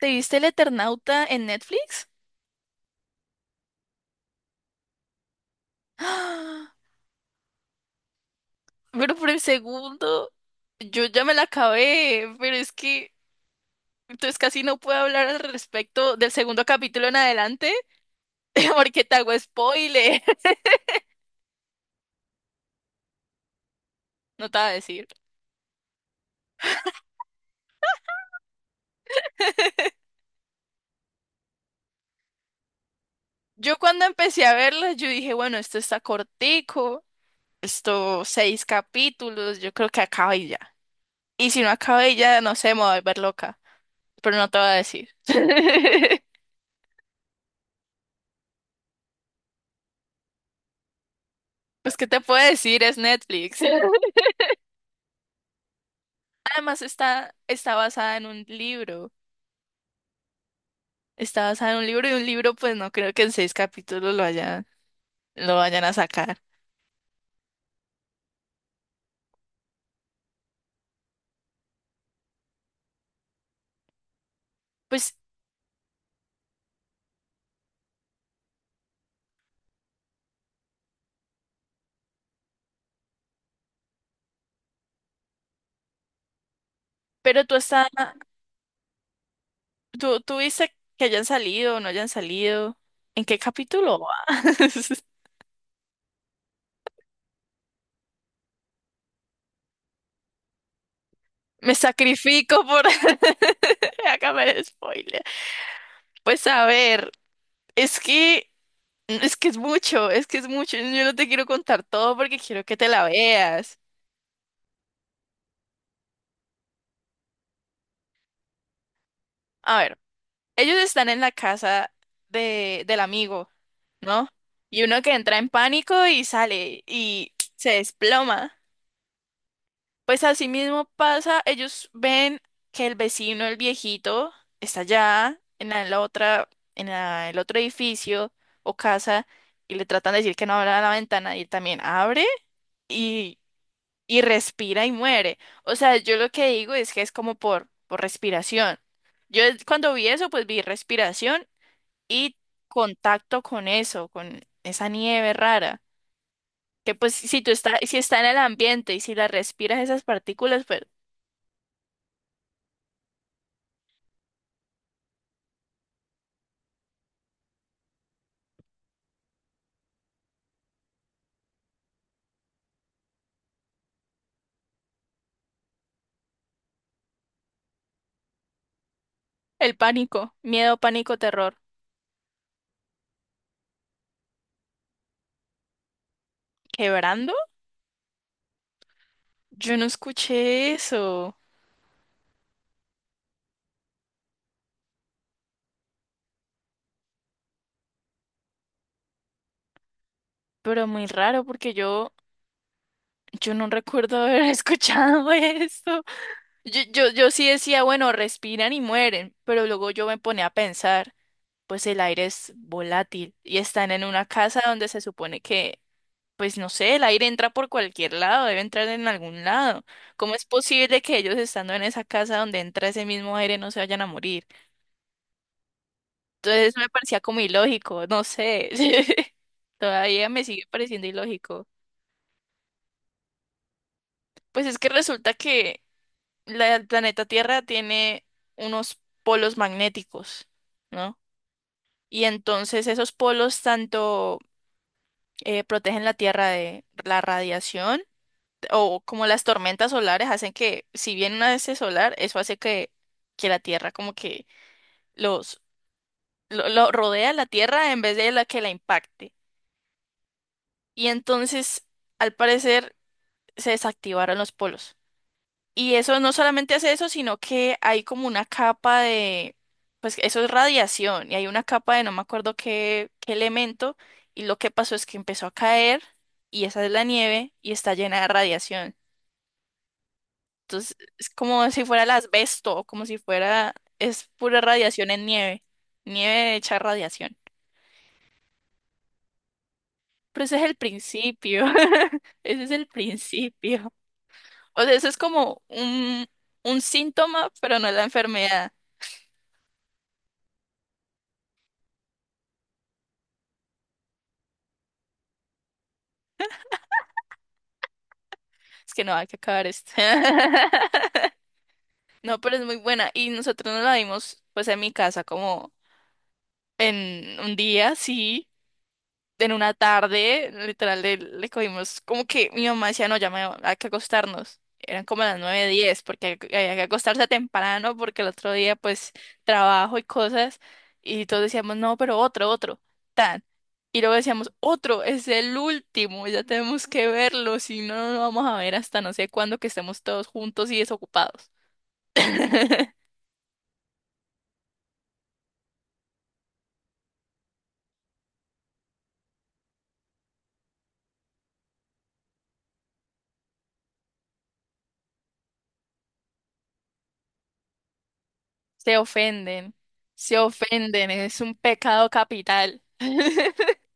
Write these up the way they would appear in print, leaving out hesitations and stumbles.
¿Te viste El Eternauta en Netflix? ¡Ah! Pero por el segundo, yo ya me la acabé, pero es que entonces casi no puedo hablar al respecto del segundo capítulo en adelante porque te hago spoiler, no te voy a decir. Yo cuando empecé a verla, yo dije, bueno, esto está cortico, esto seis capítulos, yo creo que acaba y ya. Y si no acaba y ya, no sé, me voy a volver loca, pero no te voy a decir. Pues, ¿qué te puedo decir? Es Netflix. Además está basada en un libro. Está basada en un libro y un libro, pues no creo que en seis capítulos lo vayan a sacar. Pues, pero tú viste que hayan salido o no hayan salido. ¿En qué capítulo vas? Me sacrifico por acabar el spoiler. Pues a ver, es que es que es mucho, es que es mucho. Yo no te quiero contar todo porque quiero que te la veas. A ver, ellos están en la casa del amigo. ¿No? Y uno que entra en pánico y sale y se desploma. Pues así mismo pasa, ellos ven que el vecino, el viejito, está allá en la otra, el otro edificio o casa, y le tratan de decir que no abra la ventana y él también abre y, y respira y muere. O sea, yo lo que digo es que es como por respiración. Cuando vi eso, pues vi respiración y contacto con eso, con esa nieve rara. Que pues si está en el ambiente y si la respiras esas partículas, pues el pánico, miedo, pánico, terror. ¿Quebrando? Yo no escuché eso, pero muy raro porque yo no recuerdo haber escuchado eso. Yo sí decía, bueno, respiran y mueren, pero luego yo me ponía a pensar, pues el aire es volátil y están en una casa donde se supone que. Pues no sé, el aire entra por cualquier lado, debe entrar en algún lado. ¿Cómo es posible que ellos estando en esa casa donde entra ese mismo aire no se vayan a morir? Entonces eso me parecía como ilógico, no sé. Todavía me sigue pareciendo ilógico. Pues es que resulta que el planeta Tierra tiene unos polos magnéticos, ¿no? Y entonces esos polos tanto protegen la Tierra de la radiación, o como las tormentas solares hacen que, si viene una de ese solar, eso hace que la Tierra como que los lo rodea la Tierra en vez de la que la impacte. Y entonces, al parecer, se desactivaron los polos. Y eso no solamente hace eso, sino que hay como una capa de, pues eso es radiación, y hay una capa de no me acuerdo qué elemento, y lo que pasó es que empezó a caer, y esa es la nieve, y está llena de radiación. Entonces, es como si fuera el asbesto, como si fuera, es pura radiación en nieve, nieve hecha radiación. Pero ese es el principio, ese es el principio. O sea, eso es como un síntoma, pero no es la enfermedad. Es que no hay que acabar esto. No, pero es muy buena. Y nosotros nos la dimos, pues, en mi casa, como en un día, sí. En una tarde, literal, le cogimos como que mi mamá decía, no, ya me, hay que acostarnos. Eran como las 9, 10, porque hay que había que acostarse temprano, porque el otro día, pues, trabajo y cosas. Y todos decíamos, no, pero otro, otro, tan. Y luego decíamos, otro, es el último, ya tenemos que verlo, si no, no lo vamos a ver hasta no sé cuándo que estemos todos juntos y desocupados. Se ofenden, se ofenden, es un pecado capital.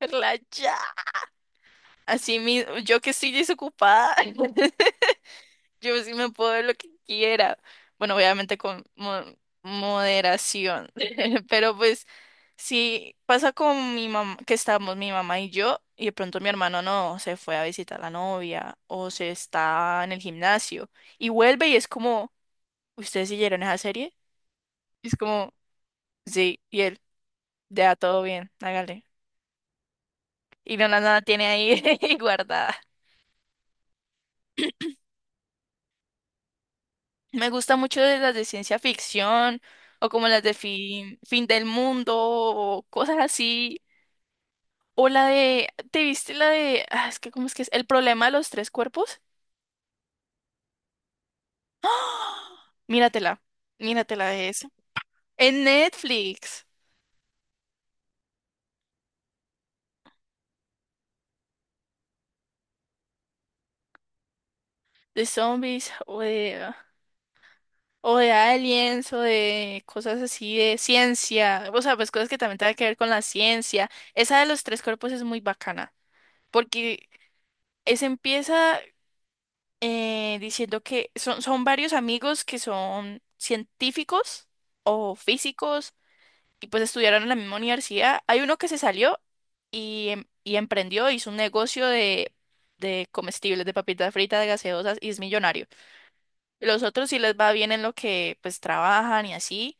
Relájate. Así mismo, yo que estoy desocupada, yo sí me puedo ver lo que quiera. Bueno, obviamente con moderación, pero pues sí pasa con mi mamá, que estamos mi mamá y yo, y de pronto mi hermano no, se fue a visitar a la novia o se está en el gimnasio y vuelve y es como, ¿ustedes siguieron esa serie? Y es como, sí, y él, ya todo bien, hágale. Y no la nada tiene ahí guardada. Me gusta mucho de las de ciencia ficción o como las de fin del mundo o cosas así. O la de, ¿te viste la de, ah, es que cómo es que es? El problema de los tres cuerpos. ¡Ah! Míratela, míratela de eso. En Netflix, de zombies o o de aliens o de cosas así de ciencia. O sea, pues cosas que también tienen que ver con la ciencia. Esa de los tres cuerpos es muy bacana porque esa empieza, diciendo que son varios amigos que son científicos o físicos y pues estudiaron en la misma universidad. Hay uno que se salió y emprendió, hizo un negocio de comestibles, de papitas fritas, de gaseosas, y es millonario. Y los otros sí les va bien en lo que pues trabajan y así.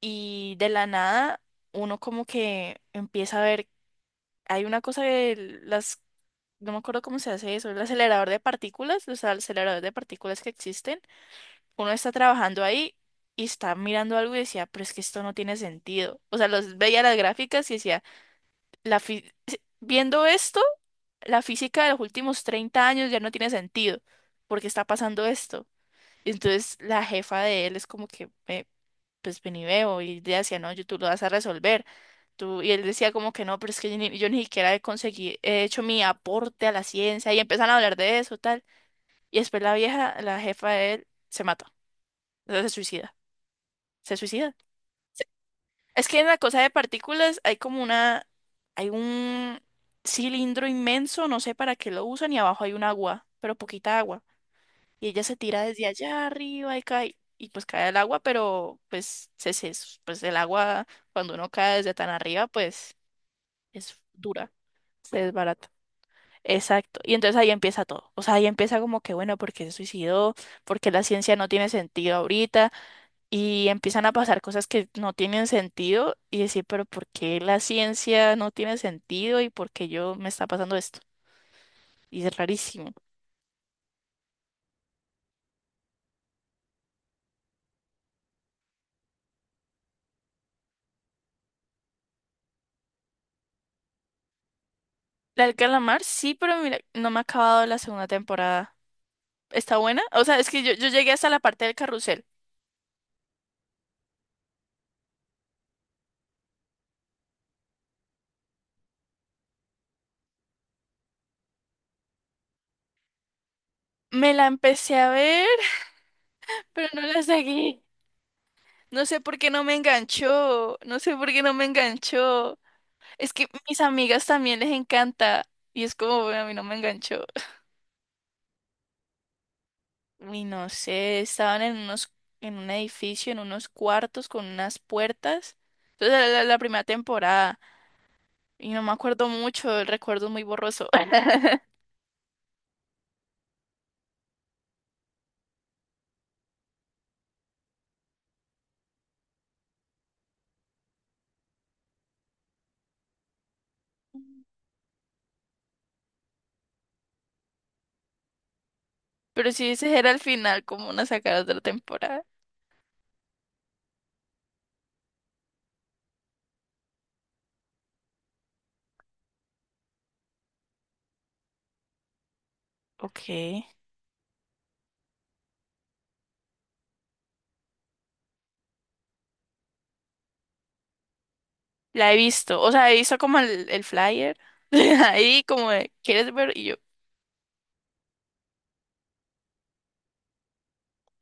Y de la nada uno como que empieza a ver, hay una cosa de las... No me acuerdo cómo se hace eso, el acelerador de partículas, los aceleradores de partículas que existen, uno está trabajando ahí y está mirando algo y decía, pero es que esto no tiene sentido. O sea, los veía las gráficas y decía, la fi- viendo esto, la física de los últimos 30 años ya no tiene sentido. Porque está pasando esto? Y entonces la jefa de él es como que, "Ve, pues ven y veo", y ella decía, no, tú lo vas a resolver. Tú, y él decía como que no, pero es que yo ni siquiera he conseguido, he hecho mi aporte a la ciencia, y empiezan a hablar de eso, tal. Y después la vieja, la jefa de él, se mata, o sea, se suicida. Se- Es que en la cosa de partículas hay como una, hay un cilindro inmenso, no sé para qué lo usan, y abajo hay un agua, pero poquita agua. Y ella se tira desde allá arriba y cae, y pues cae al agua, pero pues, pues el agua, cuando uno cae desde tan arriba, pues es dura, se desbarata. Exacto. Y entonces ahí empieza todo. O sea, ahí empieza como que, bueno, porque se suicidó? Porque la ciencia no tiene sentido ahorita? Y empiezan a pasar cosas que no tienen sentido y decir, pero ¿por qué la ciencia no tiene sentido y por qué yo me está pasando esto? Y es rarísimo. La del calamar, sí, pero mira, no me ha acabado la segunda temporada. ¿Está buena? O sea, es que yo llegué hasta la parte del carrusel. Me la empecé a ver, pero no la seguí. No sé por qué no me enganchó. No sé por qué no me enganchó. Es que mis amigas también les encanta. Y es como, bueno, a mí no me enganchó. Uy, no sé, estaban en unos, en un edificio, en unos cuartos con unas puertas. Entonces era la primera temporada. Y no me acuerdo mucho, el recuerdo es muy borroso. Pero sí, ese era el final, como una sacada de la temporada. Ok. La he visto. O sea, he visto como el flyer. Ahí como de, ¿quieres ver? Y yo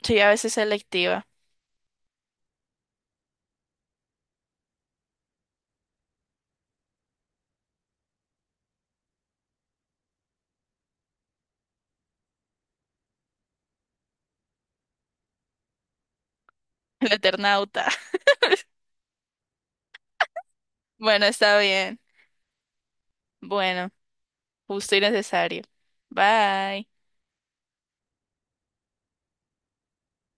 soy a veces selectiva. El Eternauta. Bueno, está bien. Bueno, justo y necesario. Bye.